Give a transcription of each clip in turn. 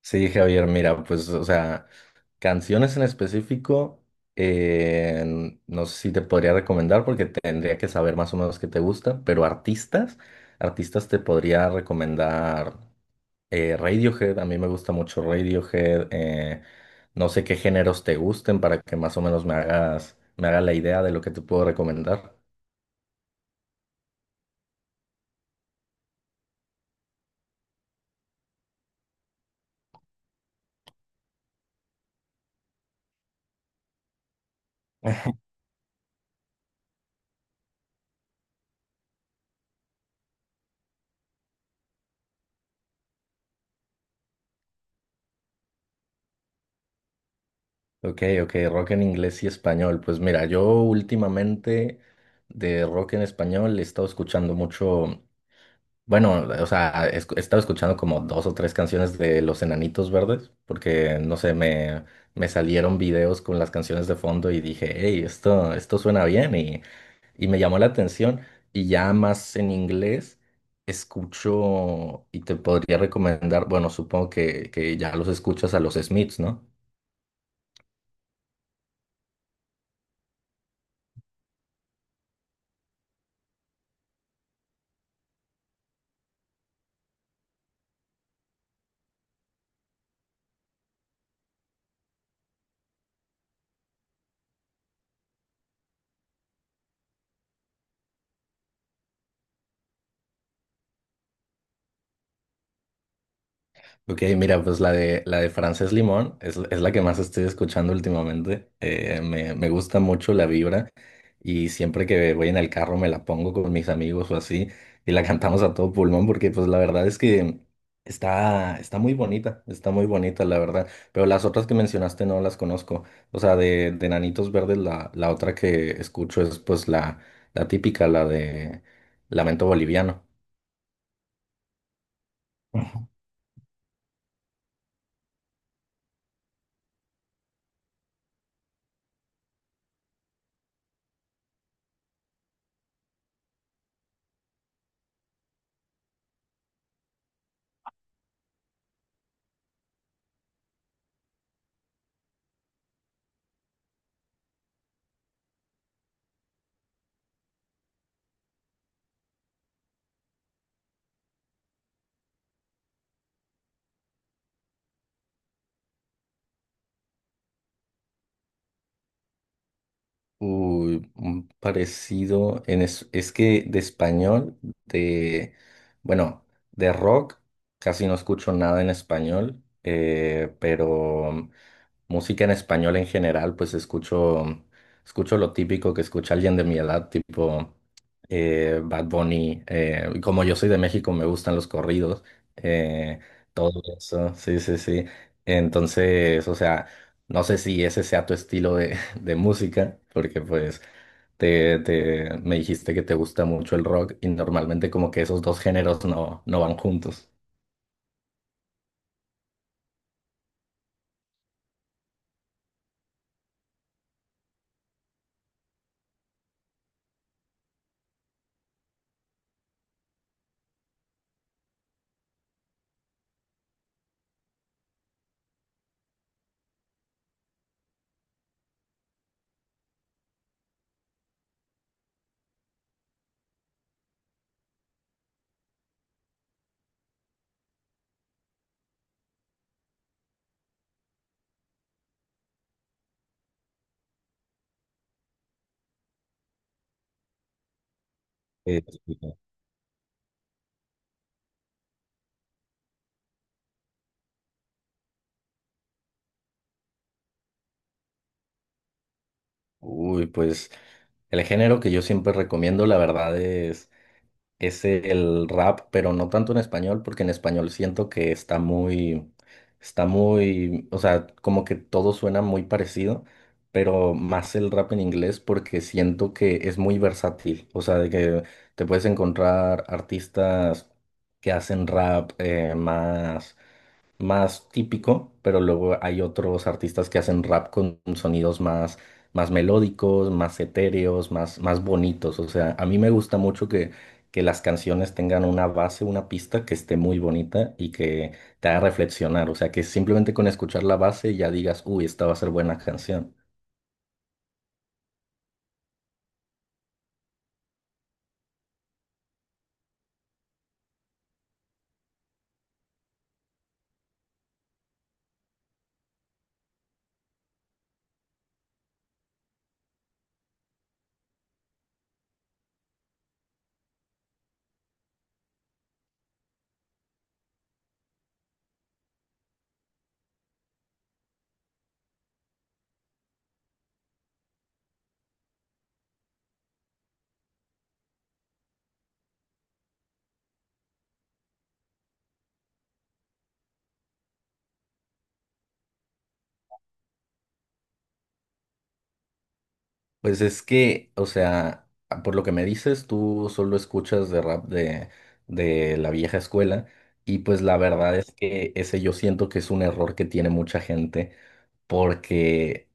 Sí, Javier, mira, pues, o sea, canciones en específico, no sé si te podría recomendar porque tendría que saber más o menos qué te gusta, pero artistas te podría recomendar Radiohead. A mí me gusta mucho Radiohead. No sé qué géneros te gusten para que más o menos me haga la idea de lo que te puedo recomendar. Ok, ok, rock en inglés y español. Pues mira, yo últimamente de rock en español he estado escuchando mucho. Bueno, o sea, he estado escuchando como dos o tres canciones de Los Enanitos Verdes, porque no sé, me salieron videos con las canciones de fondo y dije, hey, esto suena bien y me llamó la atención. Y ya más en inglés escucho y te podría recomendar. Bueno, supongo que ya los escuchas a los Smiths, ¿no? Ok, mira, pues la de Frances Limón es la que más estoy escuchando últimamente. Me gusta mucho la vibra y siempre que voy en el carro me la pongo con mis amigos o así y la cantamos a todo pulmón, porque pues la verdad es que está muy bonita la verdad. Pero las otras que mencionaste no las conozco. O sea, de Nanitos Verdes la otra que escucho es pues la típica, la de Lamento Boliviano. Uy, un parecido es que de español, de, bueno, de rock, casi no escucho nada en español. Pero música en español en general, pues escucho lo típico que escucha alguien de mi edad, tipo Bad Bunny. Y como yo soy de México, me gustan los corridos, eh, todo eso, sí, sí, sí. Entonces, o sea, no sé si ese sea tu estilo de música, porque pues me dijiste que te gusta mucho el rock y normalmente como que esos dos géneros no van juntos. Eh, Uy, pues el género que yo siempre recomiendo, la verdad, es el rap, pero no tanto en español, porque en español siento que está muy, o sea, como que todo suena muy parecido. Pero más el rap en inglés, porque siento que es muy versátil. O sea, de que te puedes encontrar artistas que hacen rap, más típico, pero luego hay otros artistas que hacen rap con sonidos más melódicos, más etéreos, más bonitos. O sea, a mí me gusta mucho que las canciones tengan una base, una pista que esté muy bonita y que te haga reflexionar. O sea, que simplemente con escuchar la base ya digas, uy, esta va a ser buena canción. Pues es que, o sea, por lo que me dices, tú solo escuchas de rap de la vieja escuela. Y pues la verdad es que ese yo siento que es un error que tiene mucha gente, porque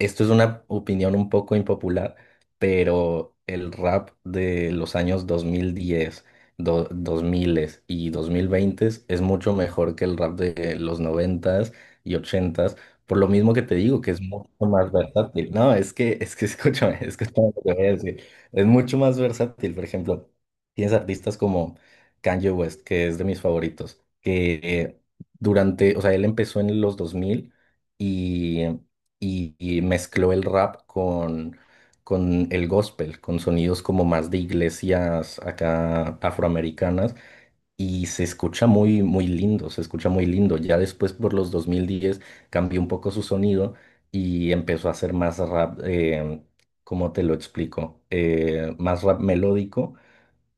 esto es una opinión un poco impopular, pero el rap de los años 2010 do- 2000 y 2020 es mucho mejor que el rap de los 90 y 80, por lo mismo que te digo, que es mucho más versátil. No, es que escúchame, escúchame lo que voy a decir. Es mucho más versátil. Por ejemplo, tienes artistas como Kanye West, que es de mis favoritos, que o sea, él empezó en los 2000 y mezcló el rap con el gospel, con sonidos como más de iglesias acá afroamericanas, y se escucha muy, muy lindo, se escucha muy lindo. Ya después por los 2010 cambió un poco su sonido y empezó a hacer más rap. ¿Cómo te lo explico? Más rap melódico,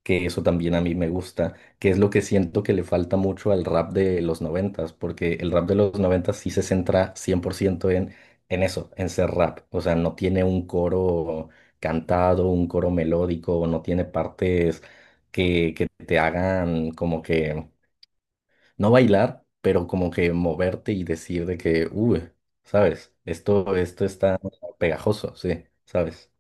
que eso también a mí me gusta, que es lo que siento que le falta mucho al rap de los noventas, porque el rap de los noventas sí se centra 100% en eso, en ser rap. O sea, no tiene un coro cantado, un coro melódico, no tiene partes que te hagan como que, no bailar, pero como que moverte y decir de que, uy, ¿sabes? Esto está pegajoso, sí, ¿sabes?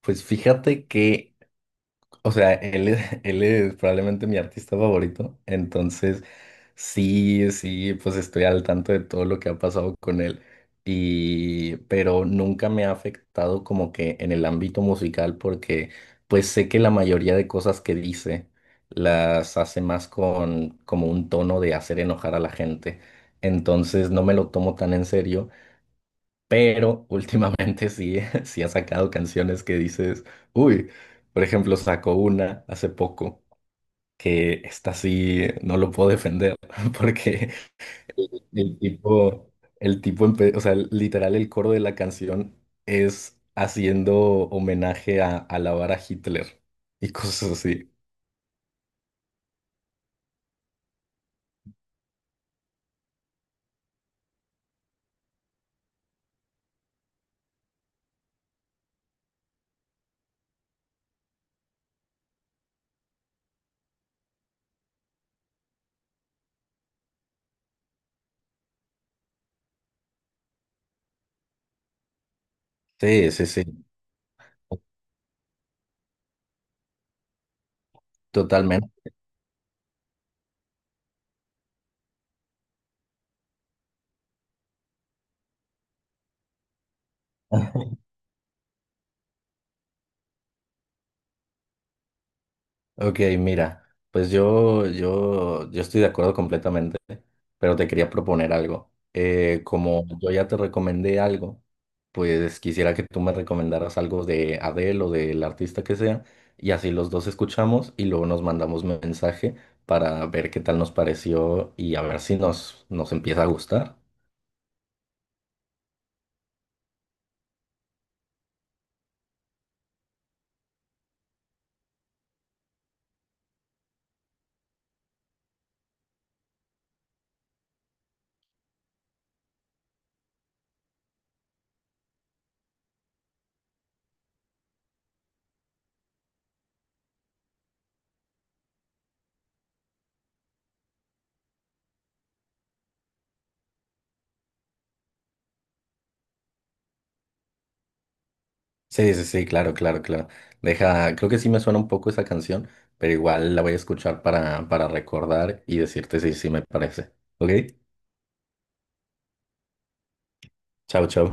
Pues fíjate que o sea, él es, él es probablemente mi artista favorito. Entonces sí, sí, pues estoy al tanto de todo lo que ha pasado con él. Y, pero nunca me ha afectado como que en el ámbito musical, porque pues sé que la mayoría de cosas que dice las hace más con como un tono de hacer enojar a la gente. Entonces no me lo tomo tan en serio. Pero últimamente sí, sí ha sacado canciones que dices, uy. Por ejemplo, sacó una hace poco que esta sí no lo puedo defender porque el tipo, o sea, literal el coro de la canción es haciendo homenaje a alabar a Hitler y cosas así. Sí, sí, sí, totalmente. Ok, mira, pues yo estoy de acuerdo completamente, pero te quería proponer algo. Como yo ya te recomendé algo, pues quisiera que tú me recomendaras algo de Adele o del artista que sea, y así los dos escuchamos y luego nos mandamos mensaje para ver qué tal nos pareció y a ver si nos empieza a gustar. Sí, sí, sí, claro, claro, claro. Deja, creo que sí me suena un poco esa canción, pero igual la voy a escuchar para recordar y decirte si sí me parece. ¿Ok? Chao, chao.